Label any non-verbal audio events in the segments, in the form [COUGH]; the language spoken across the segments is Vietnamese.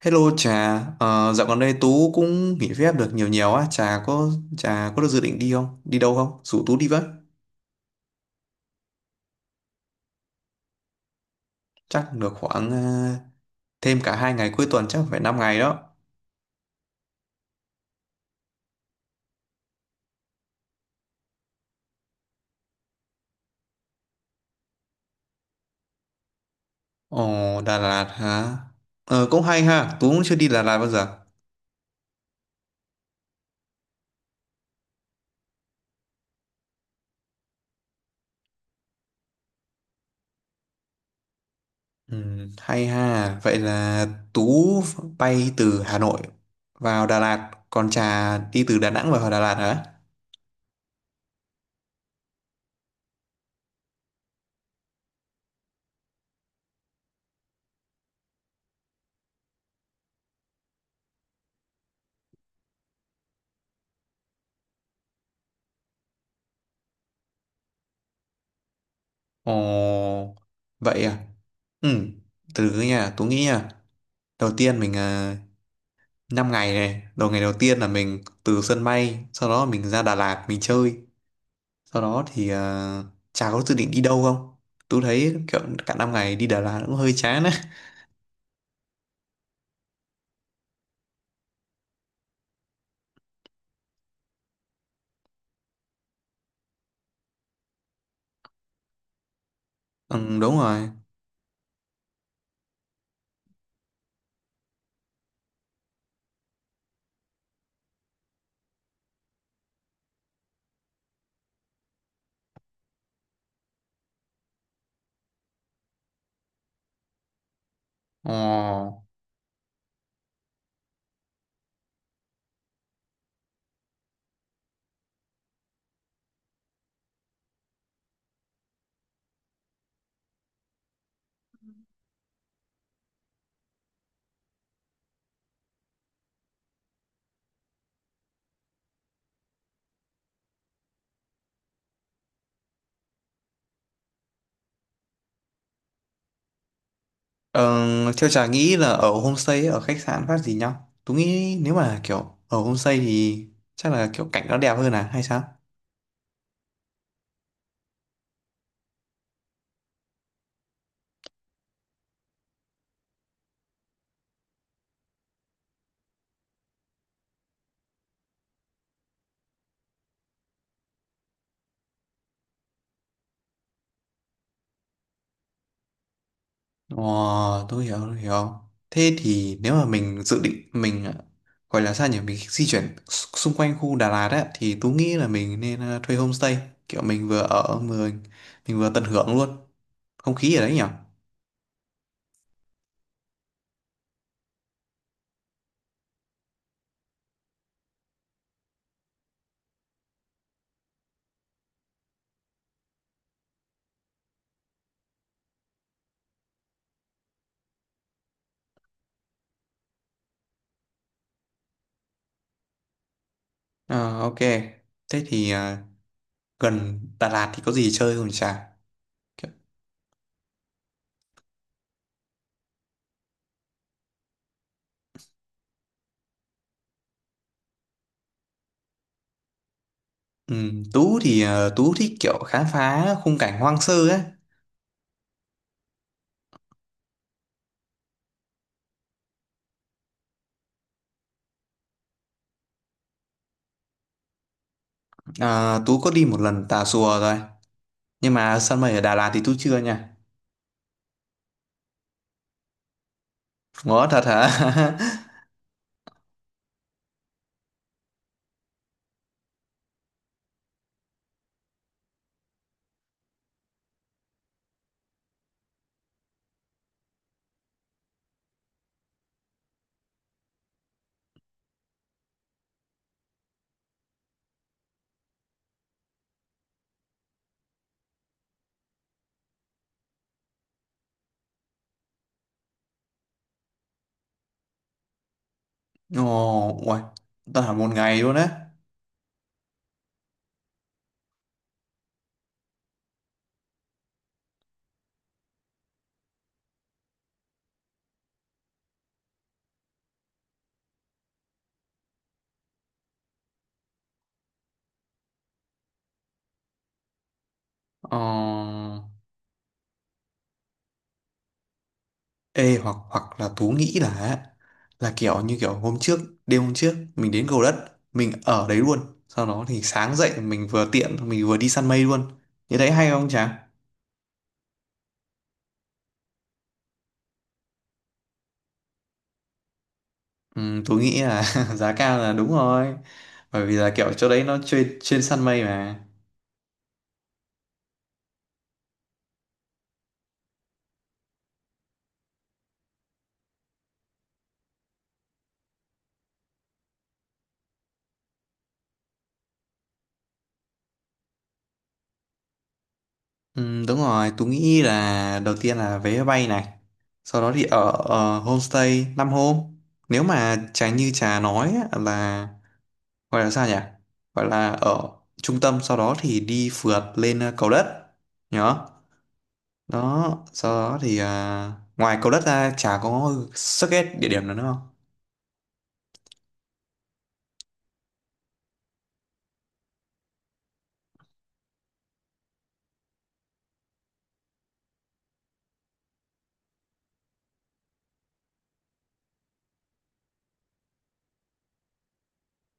Hello Trà, dạo gần đây Tú cũng nghỉ phép được nhiều nhiều á, Trà có được dự định đi không? Đi đâu không? Rủ Tú đi với. Chắc được khoảng thêm cả 2 ngày cuối tuần chắc phải 5 ngày đó. Ồ, Đà Lạt hả? Ờ, cũng hay ha, Tú cũng chưa đi Đà Lạt bao giờ. Ừ, hay ha, vậy là Tú bay từ Hà Nội vào Đà Lạt, còn Trà đi từ Đà Nẵng vào Đà Lạt hả? Ồ, vậy à? Ừ, từ từ nha, Tú nghĩ nha. Đầu tiên 5 ngày này ngày đầu tiên là mình từ sân bay, sau đó mình ra Đà Lạt mình chơi. Sau đó thì chả có dự định đi đâu không, tôi thấy kiểu cả 5 ngày đi Đà Lạt cũng hơi chán á. Ừ, đúng rồi. ờ, ờ, Theo chả nghĩ là ở homestay ở khách sạn phát gì nhau, tôi nghĩ nếu mà kiểu ở homestay thì chắc là kiểu cảnh nó đẹp hơn à hay sao. Ồ, tôi hiểu, tôi hiểu. Thế thì nếu mà mình dự định gọi là sao nhỉ, mình di chuyển xung quanh khu Đà Lạt á thì tôi nghĩ là mình nên thuê homestay, kiểu mình vừa ở vừa mình vừa tận hưởng luôn không khí ở đấy nhỉ? Ờ, ok. Thế thì gần Đà Lạt thì có gì chơi không chả? Kiểu- Ừ, Tú thì Tú thích kiểu khám phá khung cảnh hoang sơ ấy. À, Tú có đi một lần Tà Xùa rồi. Nhưng mà săn mây ở Đà Lạt thì Tú chưa nha. Ngó thật hả? [LAUGHS] Ồ, uầy, ta là một ngày luôn á. Ờ, ê hoặc hoặc là Tú nghĩ là kiểu như kiểu hôm trước, đêm hôm trước mình đến Cầu Đất, mình ở đấy luôn. Sau đó thì sáng dậy mình vừa tiện mình vừa đi săn mây luôn. Như đấy hay không chàng? Ừ, Tú nghĩ là [LAUGHS] giá cao là đúng rồi. Bởi vì là kiểu chỗ đấy nó chuyên chuyên săn mây mà. Ừ, đúng rồi, Tú nghĩ là đầu tiên là vé máy bay này, sau đó thì ở homestay 5 hôm. Nếu mà Trà như Trà nói á, là gọi là sao nhỉ? Gọi là ở trung tâm, sau đó thì đi phượt lên cầu đất. Nhớ. Đó, sau đó thì ngoài cầu đất ra Trà có suggest địa điểm nào nữa không?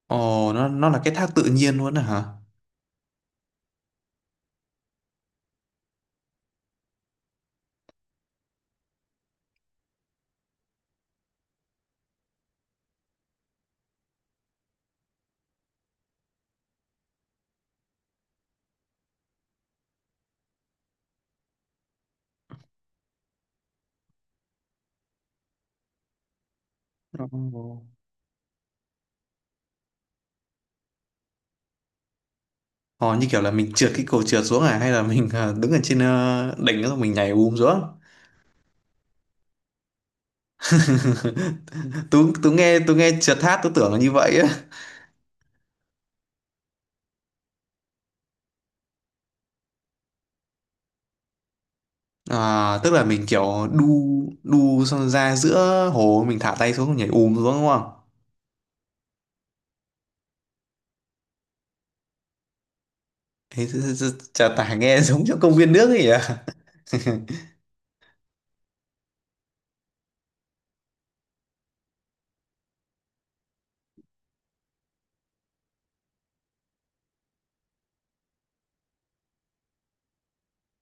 Ồ, nó là cái thác tự nhiên luôn à hả? Ồ. Ồ, như kiểu là mình trượt cái cầu trượt xuống à hay là mình đứng ở trên đỉnh đó rồi mình nhảy bùm xuống? [LAUGHS] tú tú nghe trượt hát tú tưởng là như vậy á. À, tức là mình kiểu đu đu xong ra giữa hồ mình thả tay xuống nhảy ùm xuống đúng không? Chả tả nghe [LAUGHS] giống trong công viên nước ấy à. [LAUGHS]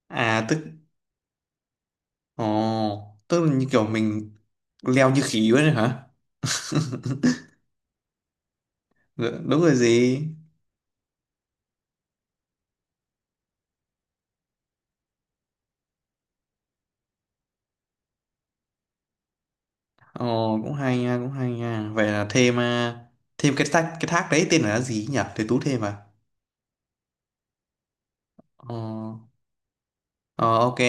à tức Ồ, tức là như kiểu mình leo như khỉ vậy hả? [LAUGHS] Đúng rồi gì. Ồ, cũng hay nha, cũng hay nha, vậy là thêm thêm cái thác đấy tên là gì nhỉ để tú thêm ờ ờ ok.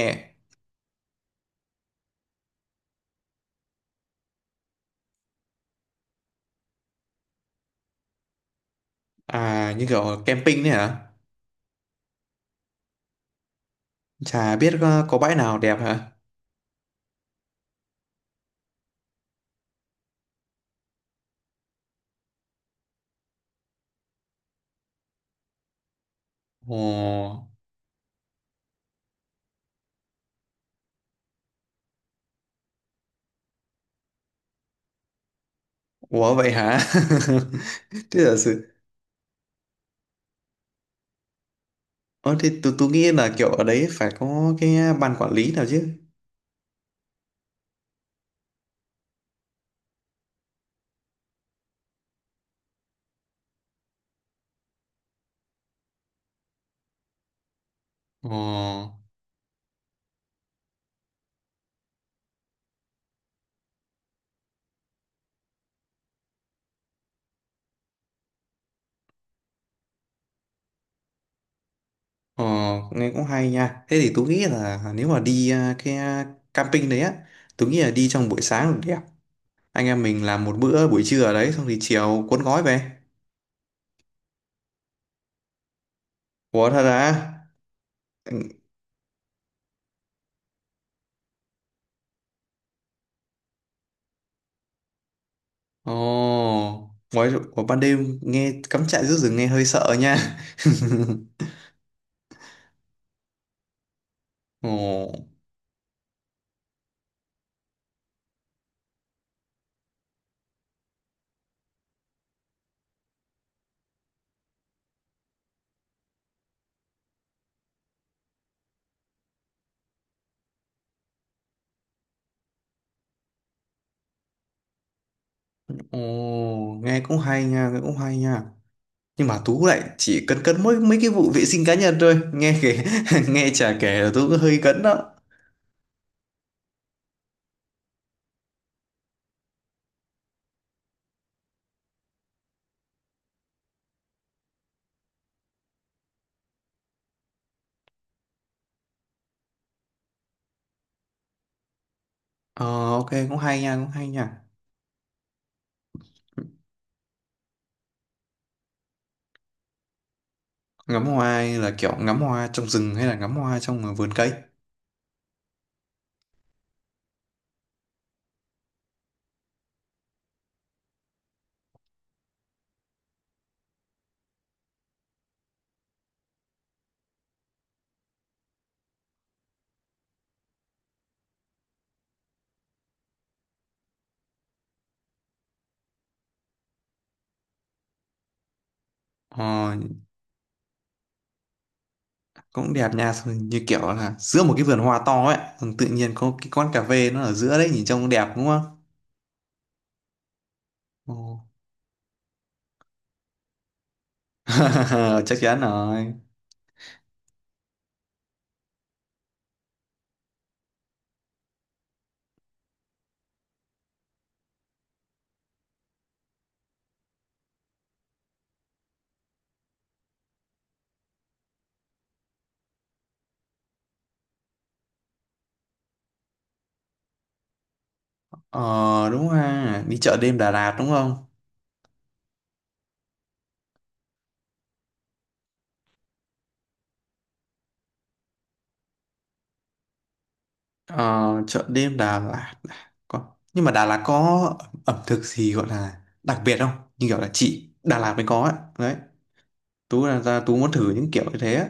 À như kiểu camping đấy hả? Chả biết có bãi nào đẹp hả? Ồ, ủa vậy hả? [LAUGHS] Thế giả sử. Ờ thì tôi nghĩ là kiểu ở đấy phải có cái ban quản lý nào chứ. Ồ, ồ nghe cũng hay nha. Thế thì tôi nghĩ là nếu mà đi cái camping đấy á, tôi nghĩ là đi trong buổi sáng là đẹp. Anh em mình làm một bữa buổi trưa ở đấy xong thì chiều cuốn gói về. Ủa thật à? Ồ, ngoài, vào ban đêm nghe cắm trại giữa rừng nghe hơi sợ nha. [LAUGHS] Ồ, ồ, nghe cũng hay nha, nghe cũng hay nha. Nhưng mà Tú lại chỉ cấn cấn mỗi mấy cái vụ vệ sinh cá nhân thôi. Nghe kể, [LAUGHS] nghe chả kể là Tú cũng hơi cấn đó. Ờ, ok, cũng hay nha, cũng hay nha. Ngắm hoa là kiểu ngắm hoa trong rừng hay là ngắm hoa trong vườn cây. Ờ, cũng đẹp nha. Xong như kiểu là giữa một cái vườn hoa to ấy, xong tự nhiên có cái quán cà phê nó ở giữa đấy, nhìn trông cũng đẹp đúng không? Ồ. [LAUGHS] chắc chắn rồi. Ờ đúng ha, đi chợ đêm Đà Lạt đúng không? Ờ chợ đêm Đà Lạt có, nhưng mà Đà Lạt có ẩm thực gì gọi là đặc biệt không? Như kiểu là chị Đà Lạt mới có ấy. Đấy Tú là ra Tú muốn thử những kiểu như thế á.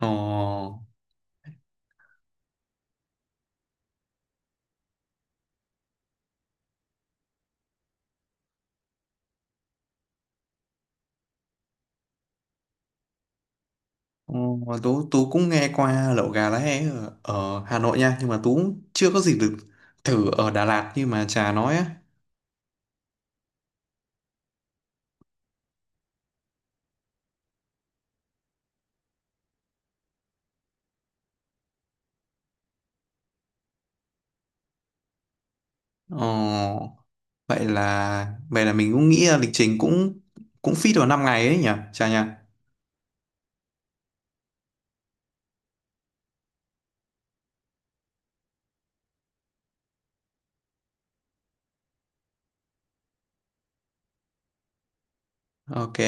ờ ờ, Tú Tú cũng nghe qua lẩu gà lá é ở Hà Nội nha, nhưng mà Tú cũng chưa có dịp được thử ở Đà Lạt như mà Trà nói á. Ờ, vậy là mình cũng nghĩ là lịch trình cũng cũng fit vào 5 ngày ấy nhỉ, chà nhỉ. Ok.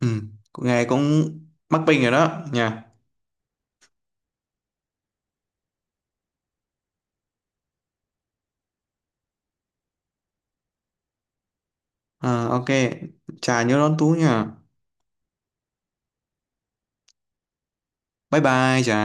Ừ, cũng nghe cũng mắc bình rồi đó nhỉ. Ờ, ok. Chà nhớ đón Tú nhỉ. Bye bye chà.